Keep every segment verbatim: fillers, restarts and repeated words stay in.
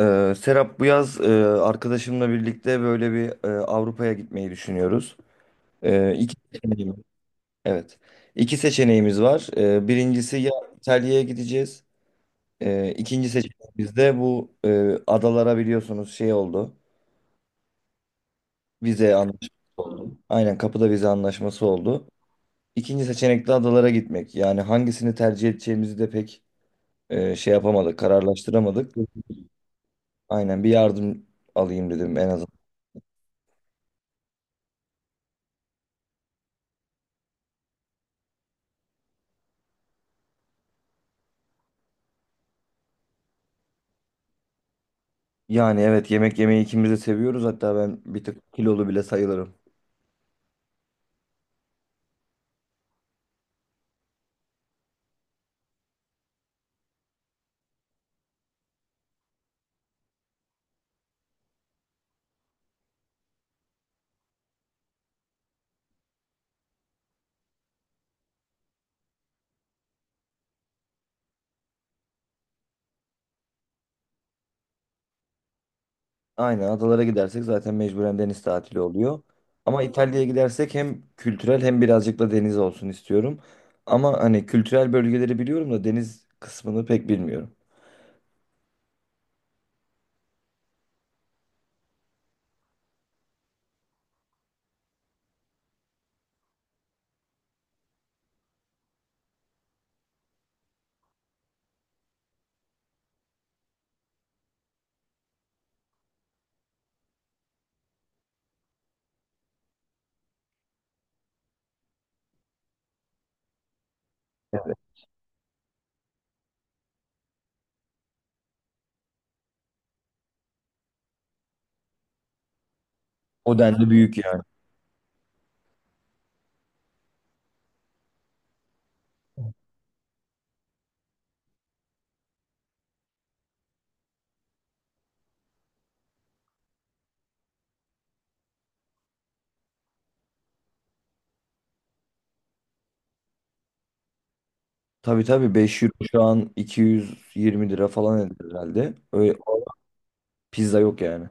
Ee, Serap, bu yaz e, arkadaşımla birlikte böyle bir e, Avrupa'ya gitmeyi düşünüyoruz. Ee, iki seçeneğimiz, evet. İki seçeneğimiz var. Ee, birincisi ya İtalya'ya gideceğiz. Ee, ikinci seçeneğimiz de bu e, adalara, biliyorsunuz, şey oldu. Vize anlaşması oldu. Aynen, kapıda vize anlaşması oldu. İkinci seçenek de adalara gitmek. Yani hangisini tercih edeceğimizi de pek e, şey yapamadık, kararlaştıramadık. Aynen, bir yardım alayım dedim en azından. Yani evet, yemek yemeyi ikimiz de seviyoruz. Hatta ben bir tık kilolu bile sayılırım. Aynen, adalara gidersek zaten mecburen deniz tatili oluyor. Ama İtalya'ya gidersek hem kültürel hem birazcık da deniz olsun istiyorum. Ama hani kültürel bölgeleri biliyorum da deniz kısmını pek bilmiyorum. O denli büyük yani. Tabii, tabii, beş euro şu an iki yüz yirmi lira falan eder herhalde. Öyle pizza yok yani.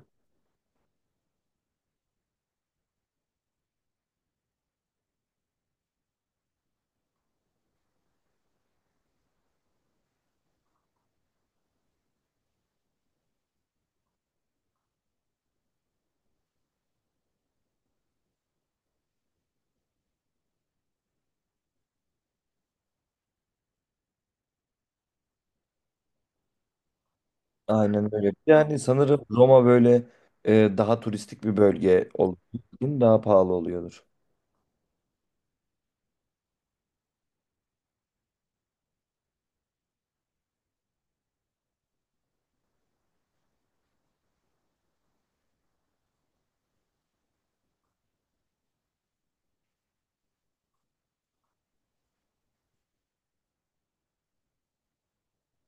Aynen öyle. Yani sanırım Roma böyle e, daha turistik bir bölge olduğu için daha pahalı oluyordur.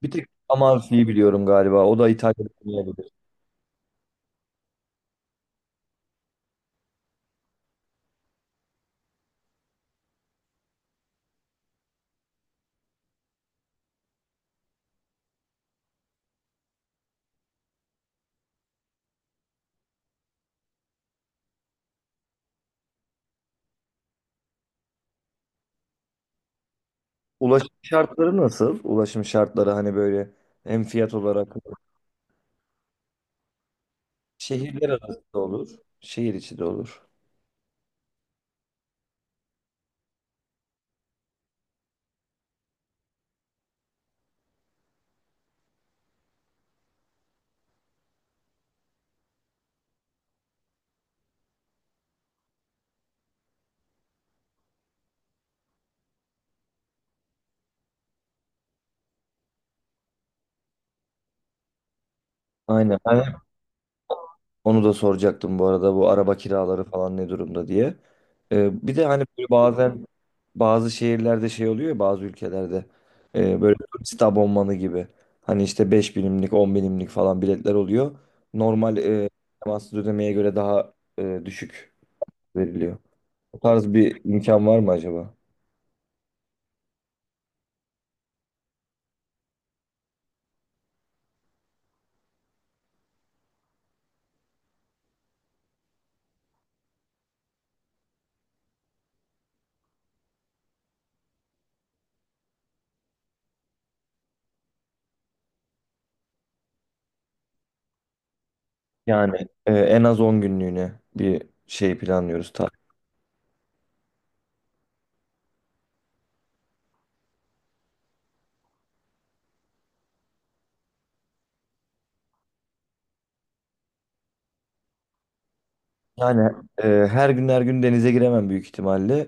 Bir tek Amalfi'yi biliyorum galiba. O da İtalya'da olabilir. Ulaşım şartları nasıl? Ulaşım şartları hani böyle hem fiyat olarak şehirler arası da olur. Şehir içi de olur. Aynen. Ben hep onu da soracaktım bu arada, bu araba kiraları falan ne durumda diye. Ee, bir de hani böyle bazen bazı şehirlerde şey oluyor ya, bazı ülkelerde e, böyle turist abonmanı gibi. Hani işte beş binimlik, on binimlik falan biletler oluyor. Normal e, temassız ödemeye göre daha e, düşük veriliyor. O tarz bir imkan var mı acaba? Yani e, en az on günlüğüne bir şey planlıyoruz. Ta. Yani e, her gün her gün denize giremem büyük ihtimalle.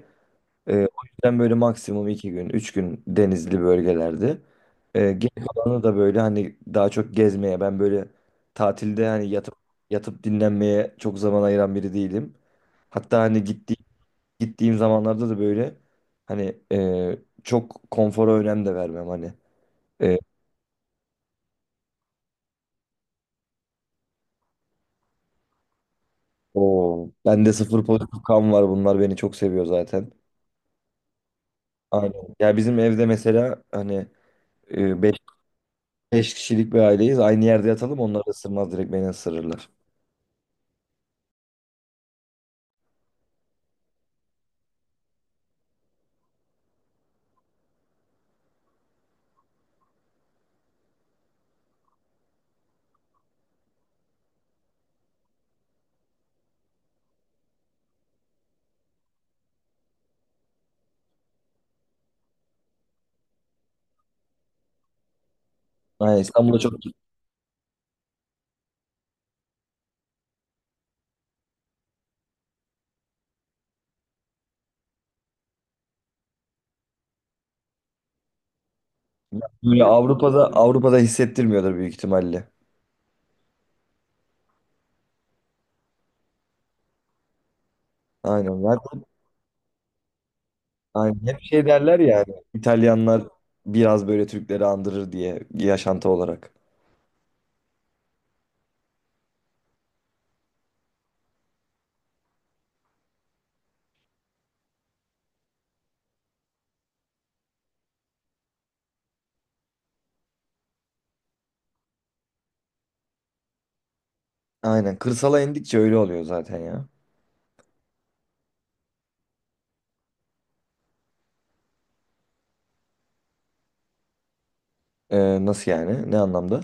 E, o yüzden böyle maksimum iki gün, üç gün denizli bölgelerde. E, geri kalanı da böyle hani daha çok gezmeye. Ben böyle tatilde hani yatıp yatıp dinlenmeye çok zaman ayıran biri değilim. Hatta hani gitti, gittiğim zamanlarda da böyle hani e, çok konfora önem de vermem hani. E, Oo. Bende sıfır pozitif kan var. Bunlar beni çok seviyor zaten. Aynen. Ya bizim evde mesela hani e, beş kişilik bir aileyiz. Aynı yerde yatalım, onlar ısırmaz, direkt beni ısırırlar. Aynen, İstanbul'da çok böyle Avrupa'da Avrupa'da hissettirmiyordur büyük ihtimalle. Aynen. Zaten aynen. Hep şey derler ya hani, İtalyanlar biraz böyle Türkleri andırır diye, yaşantı olarak. Aynen. Kırsala indikçe öyle oluyor zaten ya. Ee, nasıl yani? Ne anlamda?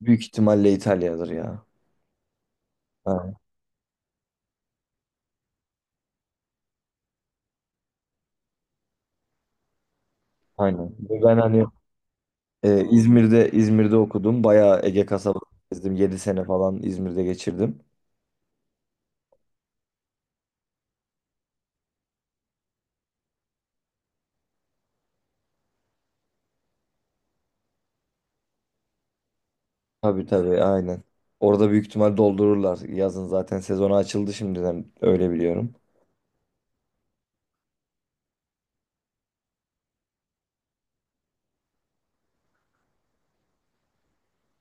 Büyük ihtimalle İtalya'dır ya. Aynen. Ve ben hani e, İzmir'de İzmir'de okudum. Bayağı Ege kasabası gezdim. Yedi sene falan İzmir'de geçirdim. Tabii, tabii, aynen. Orada büyük ihtimal doldururlar. Yazın zaten sezonu açıldı, şimdiden öyle biliyorum.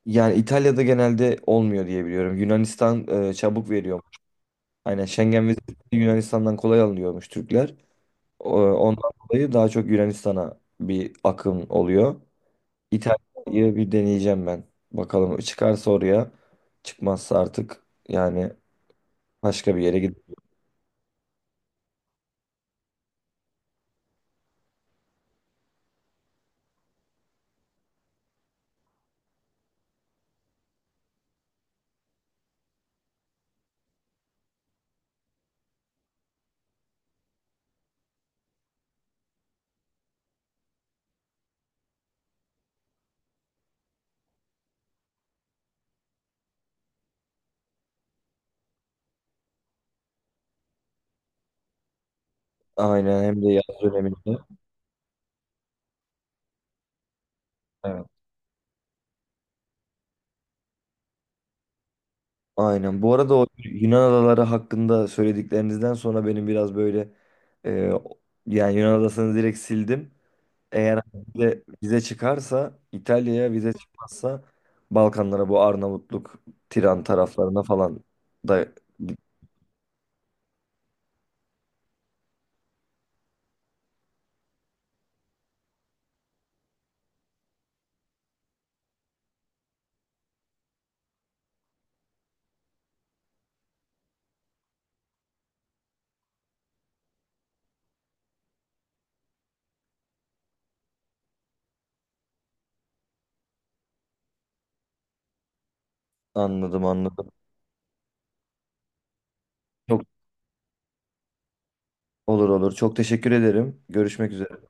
Yani İtalya'da genelde olmuyor diye biliyorum. Yunanistan e, çabuk veriyor. Aynen, Schengen vizesi Yunanistan'dan kolay alınıyormuş Türkler. O- Ondan dolayı daha çok Yunanistan'a bir akım oluyor. İtalya'yı bir deneyeceğim ben. Bakalım çıkarsa oraya, çıkmazsa artık yani başka bir yere gidip, aynen, hem de yaz döneminde. Evet. Aynen. Bu arada o Yunan adaları hakkında söylediklerinizden sonra benim biraz böyle e, yani Yunan adasını direkt sildim. Eğer vize, vize çıkarsa İtalya'ya, vize çıkmazsa Balkanlara, bu Arnavutluk, Tiran taraflarına falan da. Anladım, anladım. Çok olur, olur. Çok teşekkür ederim. Görüşmek üzere.